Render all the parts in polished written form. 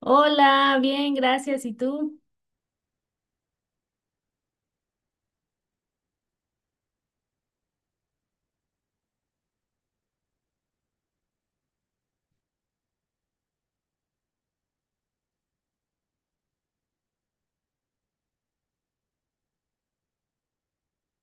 Hola, bien, gracias. ¿Y tú?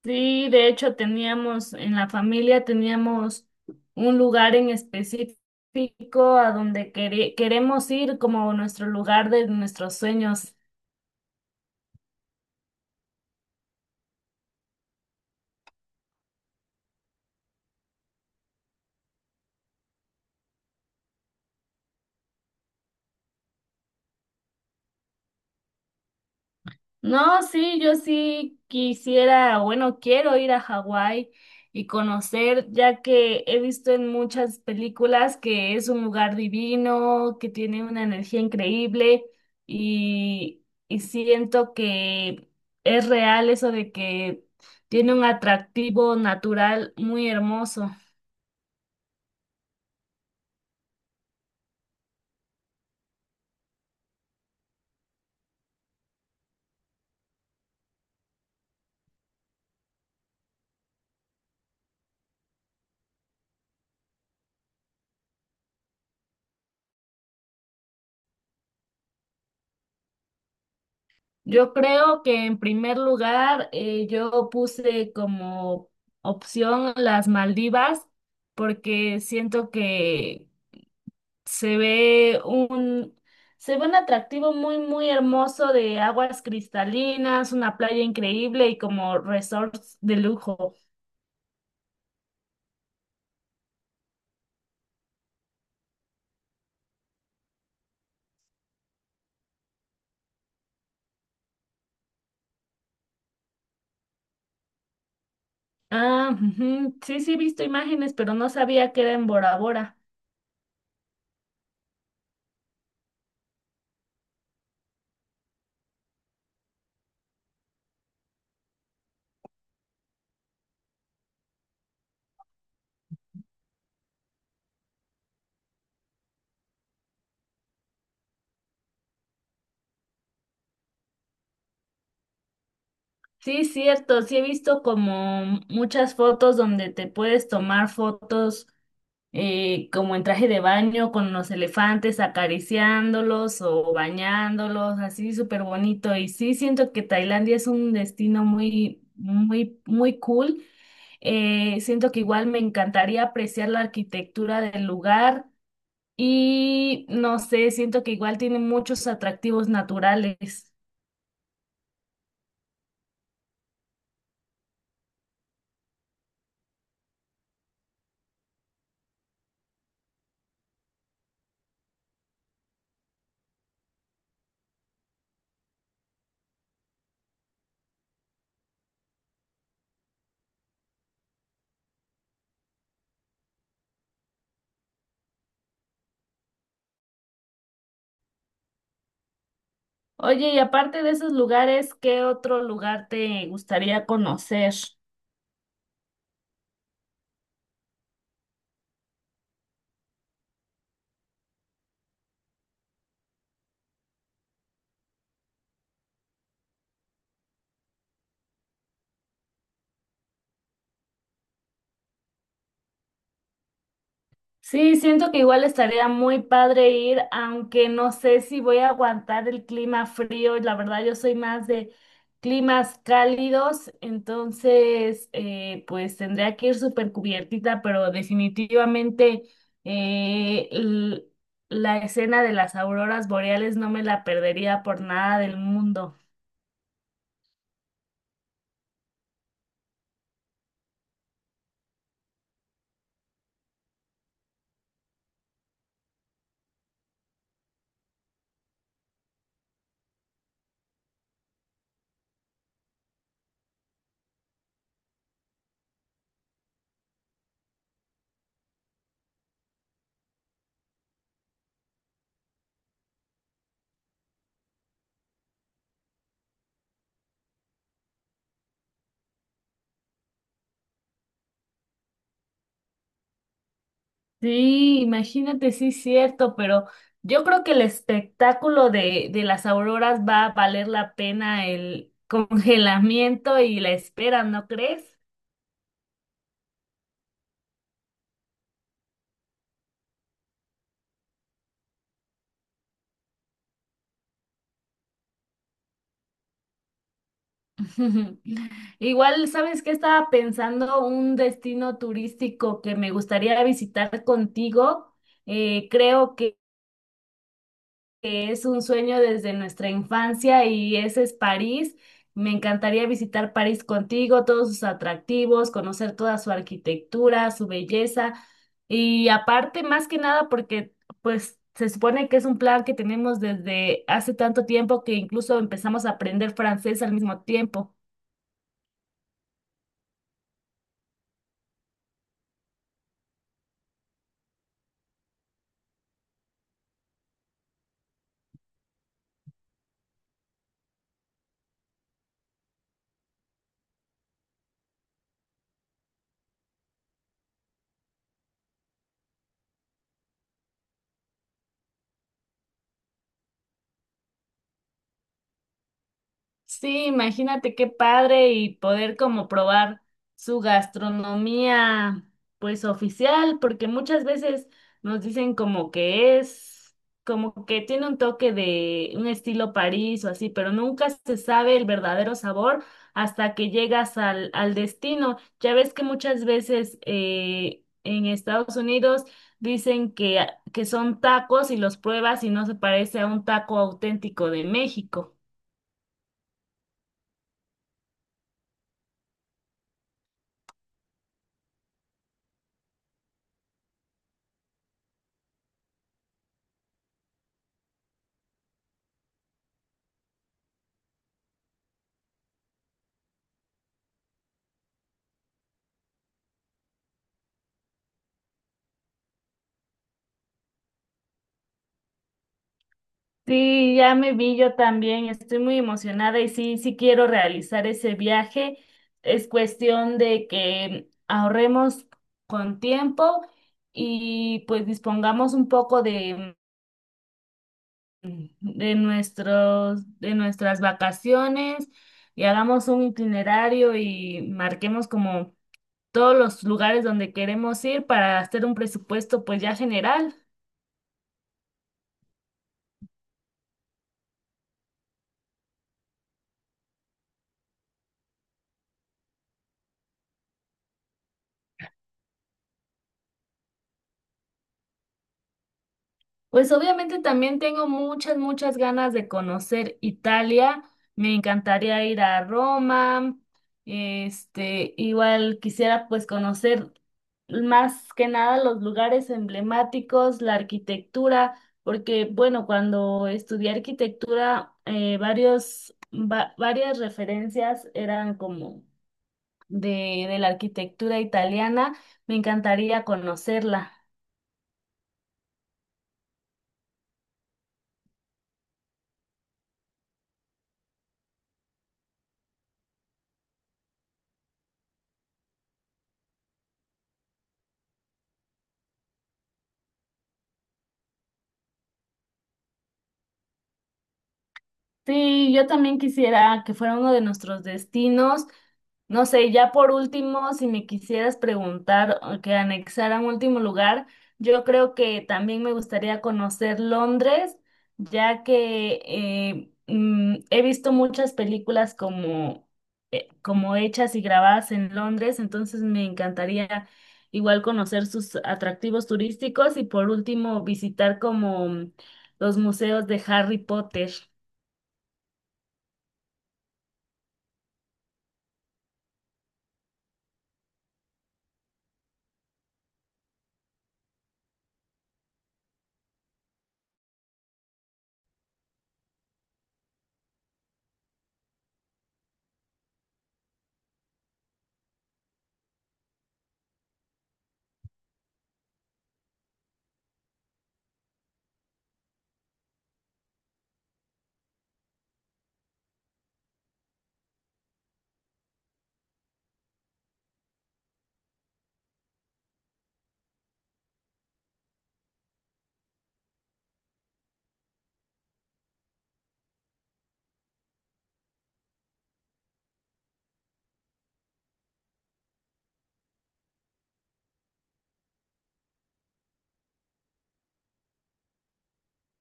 Sí, de hecho teníamos en la familia teníamos un lugar en específico a donde queremos ir como nuestro lugar de nuestros sueños. No, sí, yo sí quisiera, bueno, quiero ir a Hawái y conocer, ya que he visto en muchas películas que es un lugar divino, que tiene una energía increíble y siento que es real eso de que tiene un atractivo natural muy hermoso. Yo creo que en primer lugar yo puse como opción las Maldivas porque siento que se ve un se ve un atractivo muy muy hermoso de aguas cristalinas, una playa increíble y como resorts de lujo. Ah, ujú. Sí, sí he visto imágenes, pero no sabía que era en Bora Bora. Sí, cierto, sí he visto como muchas fotos donde te puedes tomar fotos como en traje de baño con los elefantes acariciándolos o bañándolos, así súper bonito. Y sí, siento que Tailandia es un destino muy, muy, muy cool. Siento que igual me encantaría apreciar la arquitectura del lugar y no sé, siento que igual tiene muchos atractivos naturales. Oye, y aparte de esos lugares, ¿qué otro lugar te gustaría conocer? Sí, siento que igual estaría muy padre ir, aunque no sé si voy a aguantar el clima frío. La verdad, yo soy más de climas cálidos, entonces pues tendría que ir súper cubiertita, pero definitivamente eh, l- la escena de las auroras boreales no me la perdería por nada del mundo. Sí, imagínate, sí, cierto, pero yo creo que el espectáculo de las auroras va a valer la pena el congelamiento y la espera, ¿no crees? Igual, ¿sabes qué? Estaba pensando un destino turístico que me gustaría visitar contigo. Creo que es un sueño desde nuestra infancia y ese es París. Me encantaría visitar París contigo, todos sus atractivos, conocer toda su arquitectura, su belleza y aparte más que nada porque pues se supone que es un plan que tenemos desde hace tanto tiempo que incluso empezamos a aprender francés al mismo tiempo. Sí, imagínate qué padre y poder como probar su gastronomía pues oficial, porque muchas veces nos dicen como que es, como que tiene un toque de un estilo París o así, pero nunca se sabe el verdadero sabor hasta que llegas al destino. Ya ves que muchas veces en Estados Unidos dicen que son tacos y los pruebas y no se parece a un taco auténtico de México. Sí, ya me vi yo también, estoy muy emocionada y sí, sí quiero realizar ese viaje. Es cuestión de que ahorremos con tiempo y pues dispongamos un poco de nuestras vacaciones y hagamos un itinerario y marquemos como todos los lugares donde queremos ir para hacer un presupuesto pues ya general. Pues obviamente también tengo muchas, muchas ganas de conocer Italia. Me encantaría ir a Roma. Este, igual quisiera pues conocer más que nada los lugares emblemáticos, la arquitectura, porque bueno, cuando estudié arquitectura, varias referencias eran como de la arquitectura italiana. Me encantaría conocerla. Sí, yo también quisiera que fuera uno de nuestros destinos. No sé, ya por último, si me quisieras preguntar o que anexara un último lugar, yo creo que también me gustaría conocer Londres, ya que he visto muchas películas como hechas y grabadas en Londres, entonces me encantaría igual conocer sus atractivos turísticos y por último visitar como los museos de Harry Potter.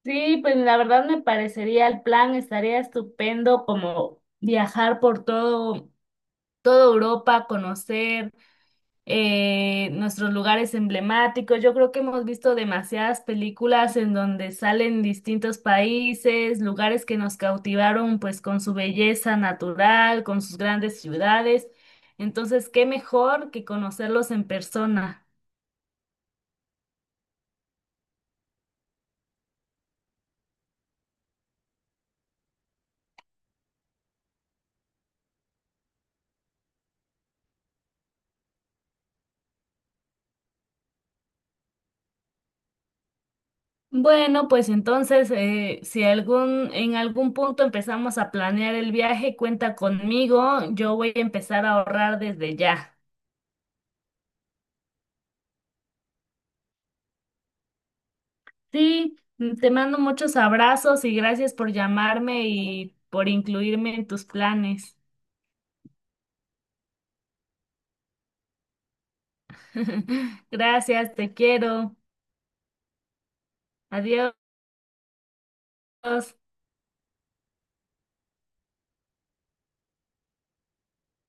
Sí, pues la verdad me parecería el plan, estaría estupendo como viajar toda Europa, conocer nuestros lugares emblemáticos. Yo creo que hemos visto demasiadas películas en donde salen distintos países, lugares que nos cautivaron pues con su belleza natural, con sus grandes ciudades. Entonces, ¿qué mejor que conocerlos en persona? Bueno, pues entonces, si en algún punto empezamos a planear el viaje, cuenta conmigo, yo voy a empezar a ahorrar desde ya. Sí, te mando muchos abrazos y gracias por llamarme y por incluirme en tus planes. Gracias, te quiero. Adiós.